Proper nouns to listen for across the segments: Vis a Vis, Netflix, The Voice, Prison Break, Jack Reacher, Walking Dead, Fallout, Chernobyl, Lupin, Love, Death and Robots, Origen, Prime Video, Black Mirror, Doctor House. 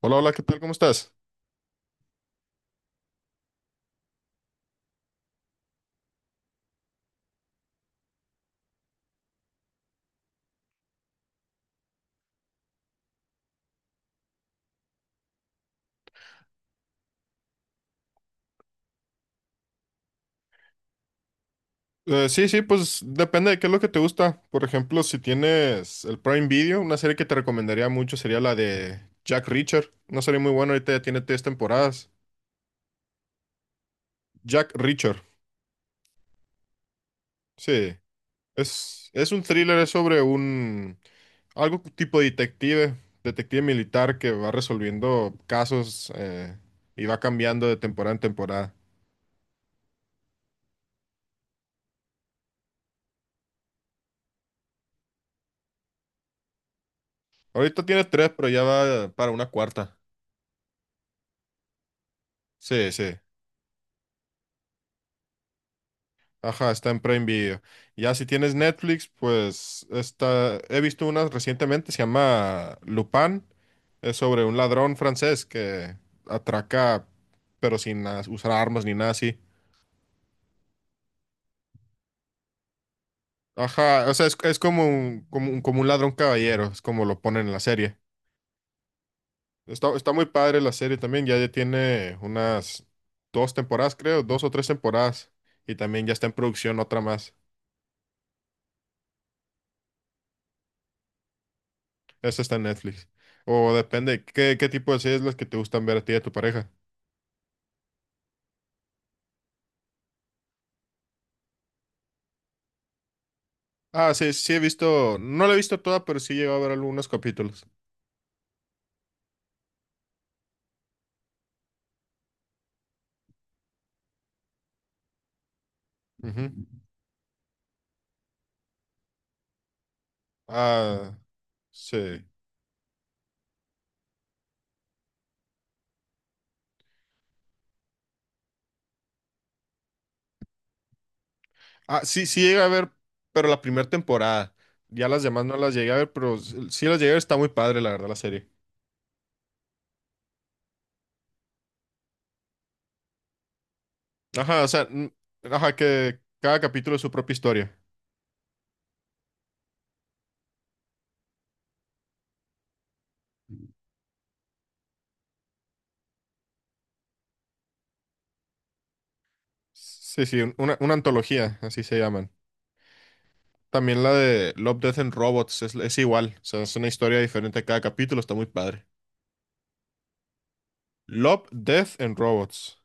Hola, hola, ¿qué tal? ¿Cómo estás? Sí, sí, pues depende de qué es lo que te gusta. Por ejemplo, si tienes el Prime Video, una serie que te recomendaría mucho sería la de Jack Reacher. Una serie muy buena, ahorita ya tiene tres temporadas. Jack Reacher, sí. Es un thriller, es sobre un... algo tipo detective, detective militar que va resolviendo casos y va cambiando de temporada en temporada. Ahorita tiene tres, pero ya va para una cuarta. Sí, sí. Ajá, está en Prime Video. Ya si tienes Netflix, pues he visto una recientemente, se llama Lupin. Es sobre un ladrón francés que atraca, pero sin usar armas ni nada así. Ajá, o sea, es como un ladrón caballero, es como lo ponen en la serie. Está muy padre la serie también, ya tiene unas dos temporadas, creo, dos o tres temporadas. Y también ya está en producción otra más. Esa está en Netflix. O depende, ¿qué tipo de series las que te gustan ver a ti y a tu pareja? Ah, sí, sí he visto, no la he visto toda, pero sí he llegado a ver algunos capítulos. Ujú. Ah, sí. Ah, sí, sí llegué a ver, pero la primera temporada. Ya las demás no las llegué a ver, pero sí las llegué a ver, está muy padre, la verdad, la serie. Ajá, o sea, ajá, que cada capítulo es su propia historia. Sí, sí, una antología, así se llaman. También la de Love, Death and Robots es igual, o sea, es una historia diferente a cada capítulo, está muy padre. Love, Death and Robots.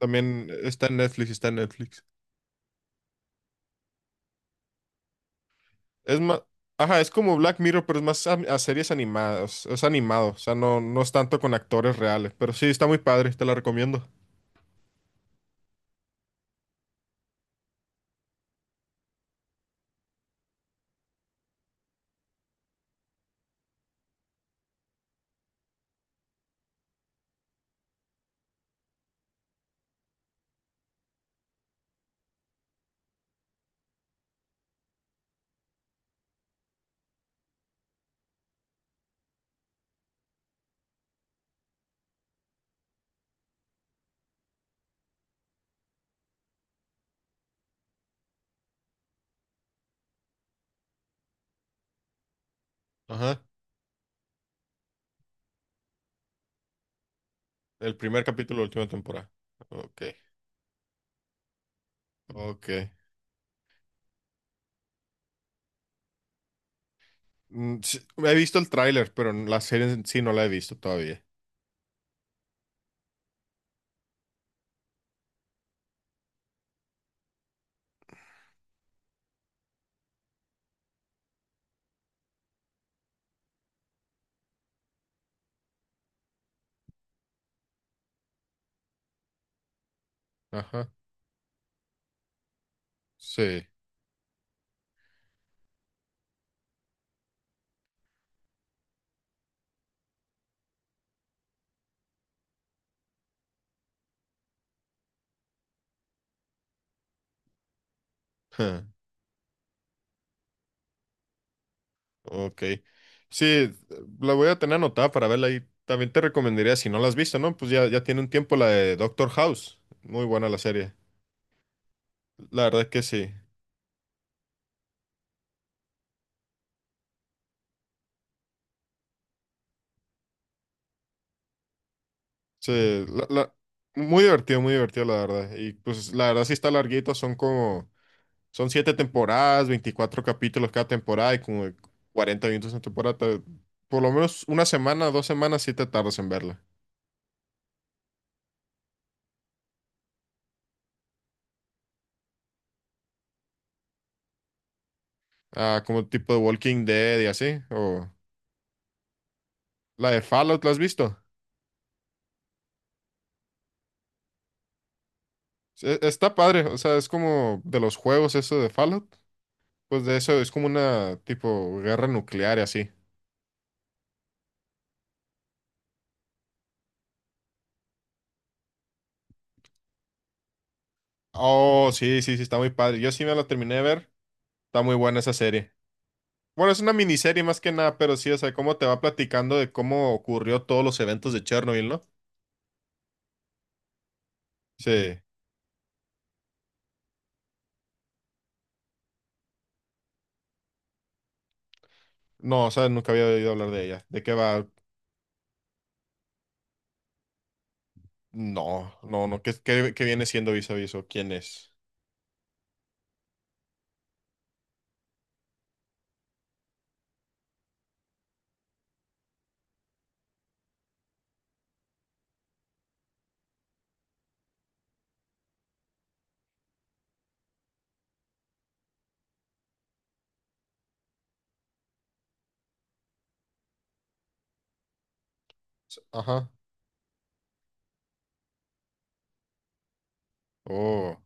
También está en Netflix, está en Netflix. Es más, ajá, es como Black Mirror, pero es más a series animadas, es animado, o sea, no es tanto con actores reales, pero sí, está muy padre, te la recomiendo. Ajá, el primer capítulo de la última temporada. Ok, ok. Sí, he visto el tráiler, pero la serie en sí no la he visto todavía. Ajá, sí. Ok. Sí, la voy a tener anotada para verla y también te recomendaría, si no la has visto, ¿no? Pues ya tiene un tiempo la de Doctor House. Muy buena la serie. La verdad es que sí. Sí, muy divertido, la verdad. Y pues la verdad sí está larguito, son siete temporadas, 24 capítulos cada temporada y como 40 minutos en temporada. Por lo menos una semana, 2 semanas sí te tardas en verla. Ah, como tipo de Walking Dead y así. O la de Fallout, ¿la has visto? Sí, está padre, o sea, es como de los juegos eso de Fallout, pues de eso es como una tipo guerra nuclear y así. Oh, sí, sí, sí, está muy padre. Yo sí me la terminé de ver, está muy buena esa serie. Bueno, es una miniserie más que nada, pero sí, o sea, cómo te va platicando de cómo ocurrió todos los eventos de Chernobyl, ¿no? Sí. No, o sea, nunca había oído hablar de ella. ¿De qué va? No, no, no, ¿qué viene siendo Vis a Vis o quién es? Ajá. Oh,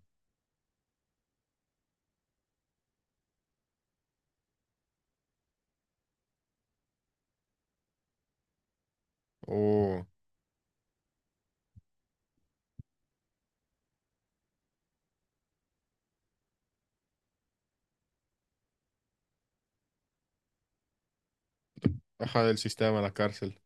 oh, ajá, del sistema, la cárcel.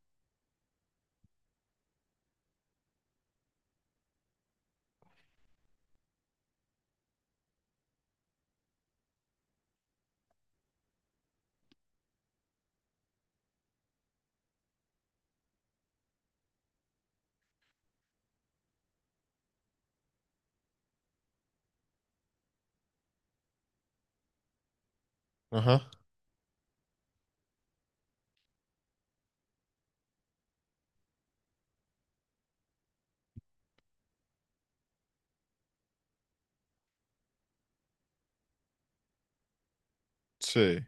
Ajá. Sí.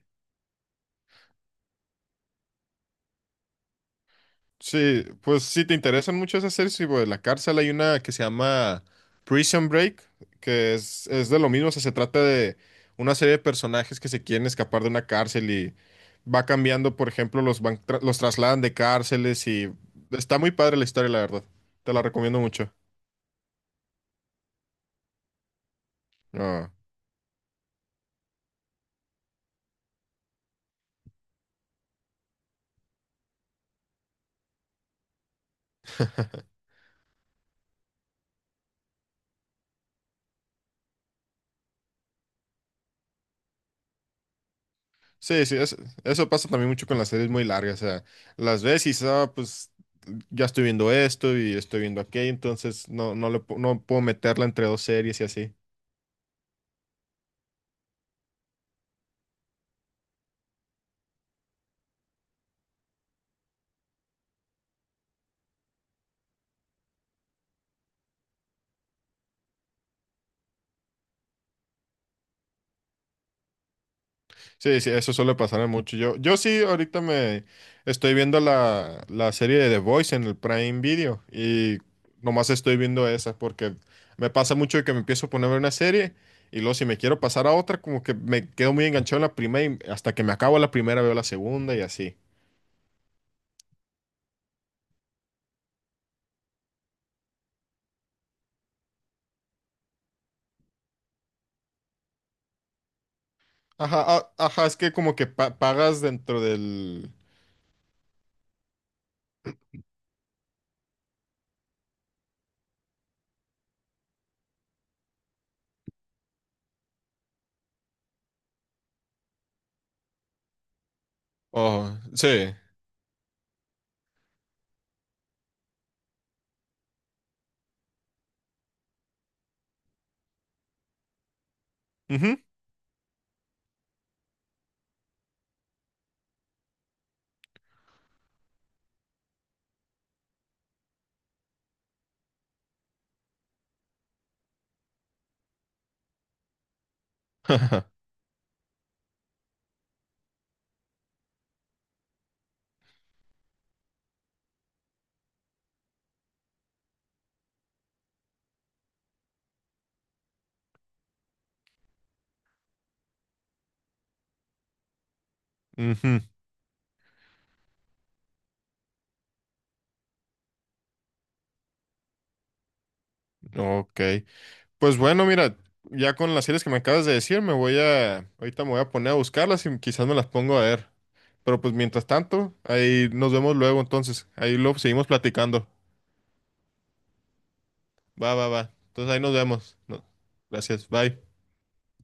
Sí, pues si te interesan mucho esas series, tipo de la cárcel, hay una que se llama Prison Break, que es de lo mismo, o sea, se trata de una serie de personajes que se quieren escapar de una cárcel y va cambiando, por ejemplo, los trasladan de cárceles y está muy padre la historia, la verdad. Te la recomiendo mucho. Ah. Sí, sí, eso pasa también mucho con las series muy largas, o sea, las ves y dices, "Ah, pues ya estoy viendo esto y estoy viendo aquello, entonces no puedo meterla entre dos series y así. Sí, sí, eso suele pasarme mucho. Yo sí, ahorita me estoy viendo la serie de The Voice en el Prime Video y nomás estoy viendo esa porque me pasa mucho de que me empiezo a poner una serie y luego si me quiero pasar a otra, como que me quedo muy enganchado en la primera y hasta que me acabo la primera veo la segunda y así. Ajá, ajá, es que como que pagas dentro del... Oh, sí. Ujú. Ujú. Ok. Pues bueno, mira, ya con las series que me acabas de decir, ahorita me voy a poner a buscarlas y quizás me las pongo a ver. Pero pues mientras tanto, ahí nos vemos luego entonces. Ahí lo seguimos platicando. Va, va, va. Entonces ahí nos vemos. No, gracias, bye.